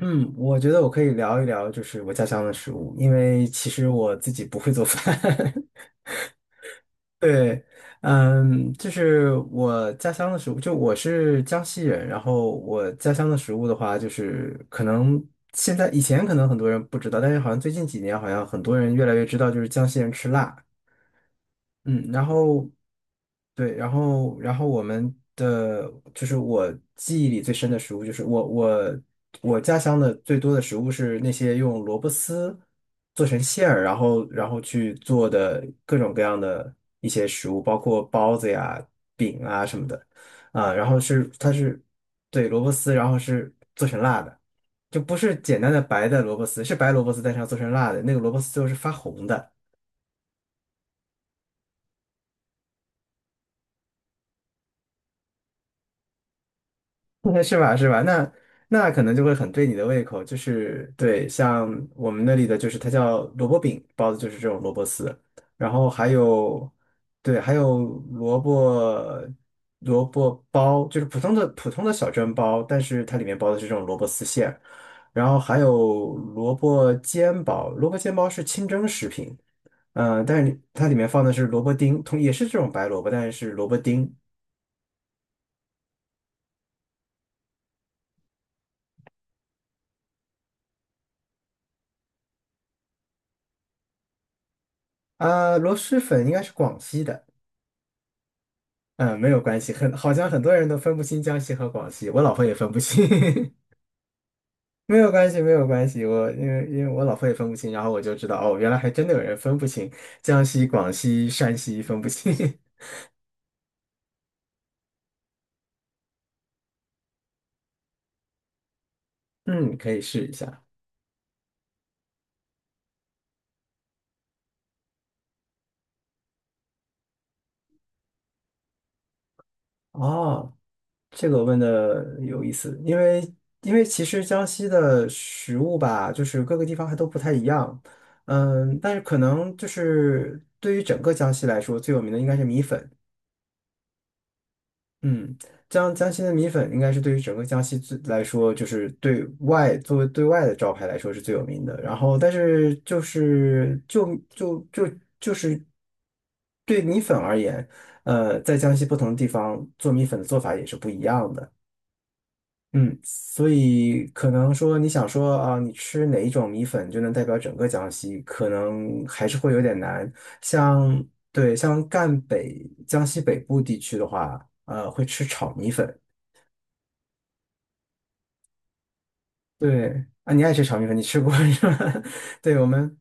嗯，我觉得我可以聊一聊，就是我家乡的食物，因为其实我自己不会做饭。对。就是我家乡的食物，就我是江西人，然后我家乡的食物的话，就是可能现在以前可能很多人不知道，但是好像最近几年好像很多人越来越知道，就是江西人吃辣。嗯，然后对，然后然后我们的就是我记忆里最深的食物，就是我我家乡的最多的食物是那些用萝卜丝做成馅儿，然后去做的各种各样的一些食物，包括包子呀、饼啊什么的。啊，然后是它是对，萝卜丝，然后是做成辣的，就不是简单的白的萝卜丝，是白萝卜丝，但是要做成辣的，那个萝卜丝最后是发红的。是吧？是吧？那那可能就会很对你的胃口，就是对。像我们那里的就是它叫萝卜饼包的，就是这种萝卜丝，然后还有。对，还有萝卜萝卜包，就是普通的小蒸包，但是它里面包的是这种萝卜丝馅，然后还有萝卜煎包，萝卜煎包是清蒸食品。但是它里面放的是萝卜丁，同也是这种白萝卜，但是是萝卜丁。螺蛳粉应该是广西的。嗯，没有关系。很好像很多人都分不清江西和广西，我老婆也分不清。没有关系，没有关系，我因为我老婆也分不清，然后我就知道，哦，原来还真的有人分不清江西、广西、山西分不清。嗯，可以试一下。哦，这个问的有意思。因为其实江西的食物吧，就是各个地方还都不太一样。但是可能就是对于整个江西来说，最有名的应该是米粉。嗯，江西的米粉应该是对于整个江西最来说，就是对外作为对外的招牌来说是最有名的。然后，但是就是对米粉而言，在江西不同的地方做米粉的做法也是不一样的。嗯，所以可能说你想说啊，你吃哪一种米粉就能代表整个江西，可能还是会有点难。像对，像赣北、江西北部地区的话，会吃炒米粉。对啊，你爱吃炒米粉，你吃过 是吧？对我们，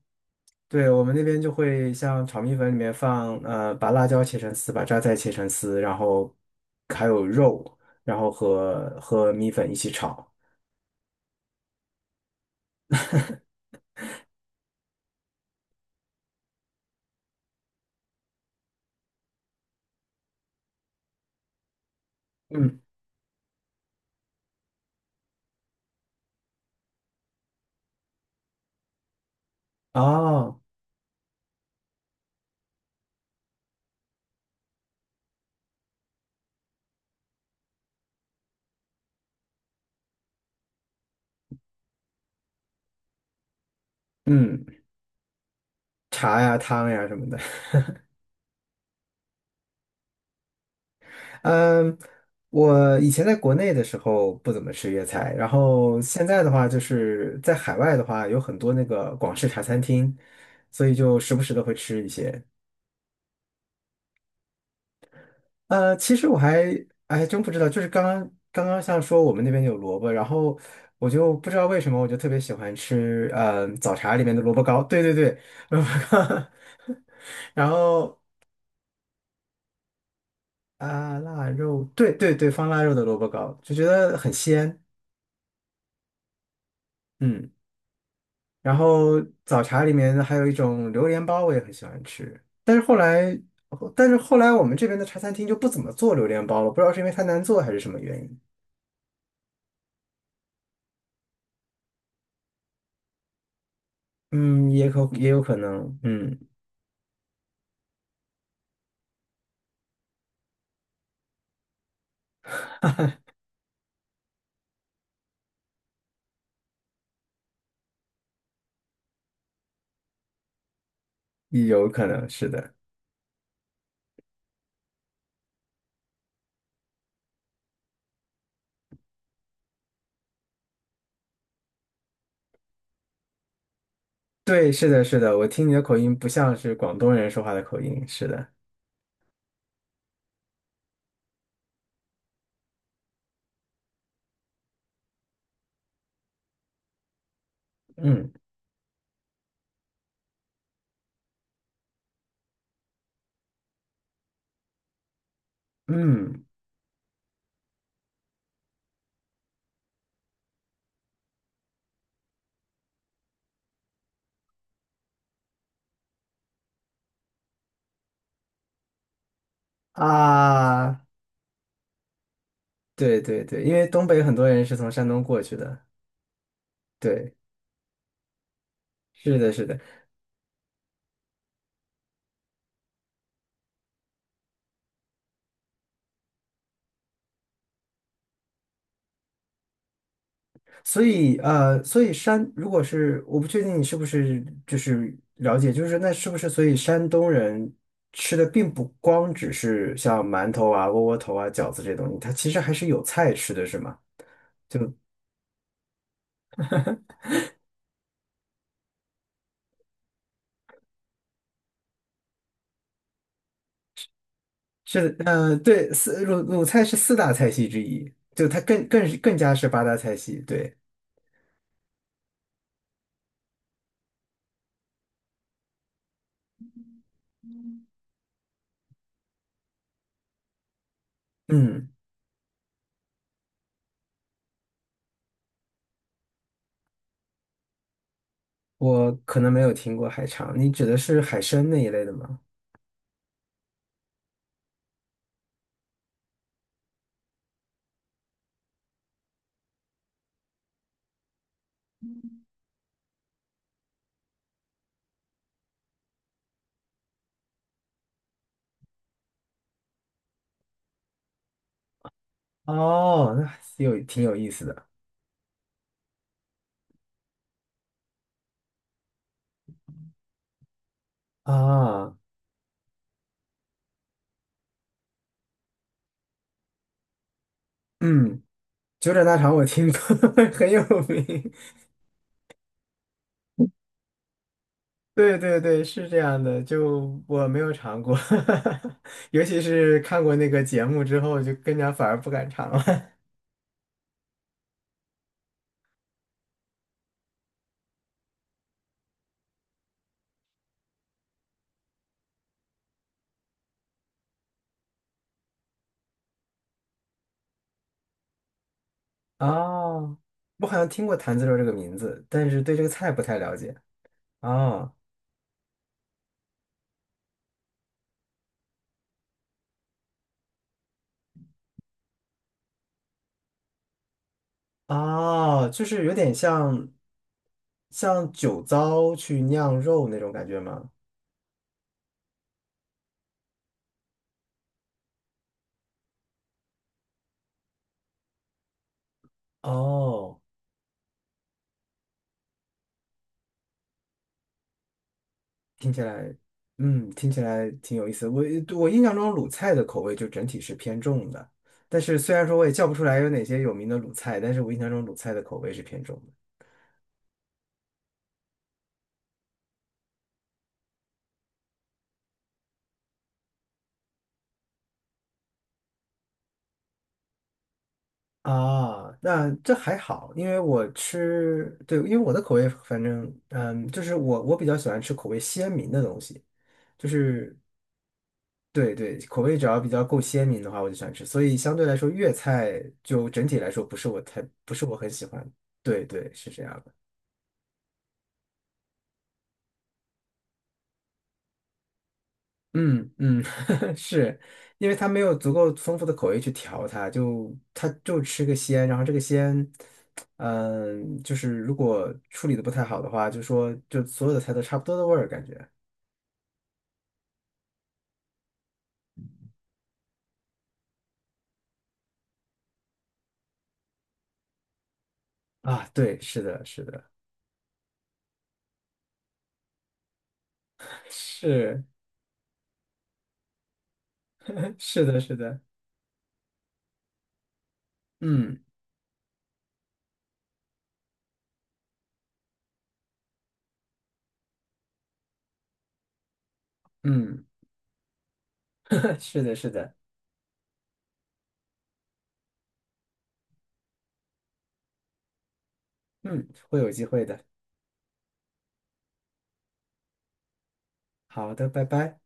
对我们那边就会像炒米粉里面放把辣椒切成丝，把榨菜切成丝，然后还有肉，然后和米粉一起炒。嗯。哦。嗯。茶呀、汤呀什么的。嗯，我以前在国内的时候不怎么吃粤菜，然后现在的话，就是在海外的话，有很多那个广式茶餐厅，所以就时不时的会吃一些。其实我还哎真不知道，就是刚刚像说我们那边有萝卜，然后我就不知道为什么我就特别喜欢吃，早茶里面的萝卜糕。对对对，萝卜糕。然后啊，腊肉，对对对，放腊肉的萝卜糕，就觉得很鲜。嗯，然后早茶里面还有一种榴莲包，我也很喜欢吃。但是后来，但是后来我们这边的茶餐厅就不怎么做榴莲包了，不知道是因为它难做还是什么原因。也有可能。嗯，也有可能是的。对，是的，是的，我听你的口音不像是广东人说话的口音，是的。嗯嗯。啊，对对对，因为东北很多人是从山东过去的。对，是的，是的。所以山如果是我不确定你是不是就是了解，就是那是不是所以山东人吃的并不光只是像馒头啊、窝窝头啊、饺子这些东西，它其实还是有菜吃的，是吗？就对，四鲁菜是四大菜系之一，就它更加是八大菜系。对。嗯，我可能没有听过海肠，你指的是海参那一类的吗？哦，那有挺有意思的啊。嗯。九转大肠我听过，很有名。对对对，是这样的，就我没有尝过。尤其是看过那个节目之后，就更加反而不敢尝了。哦，我好像听过坛子肉这个名字，但是对这个菜不太了解。哦哦，就是有点像酒糟去酿肉那种感觉吗？哦。听起来，听起来挺有意思。我我印象中鲁菜的口味就整体是偏重的，但是虽然说我也叫不出来有哪些有名的鲁菜，但是我印象中鲁菜的口味是偏重的。啊，那这还好，因为我吃，对，因为我的口味反正，就是我比较喜欢吃口味鲜明的东西，就是对对，口味只要比较够鲜明的话，我就喜欢吃。所以相对来说，粤菜就整体来说不是我很喜欢。对对，是这样的。嗯嗯。是因为它没有足够丰富的口味去调它，就它就吃个鲜，然后这个鲜，就是如果处理的不太好的话，就说就所有的菜都差不多的味儿感觉。啊，对，是的，是的。是 是的，是的。嗯嗯。是的，是的。嗯，会有机会的。好的，拜拜。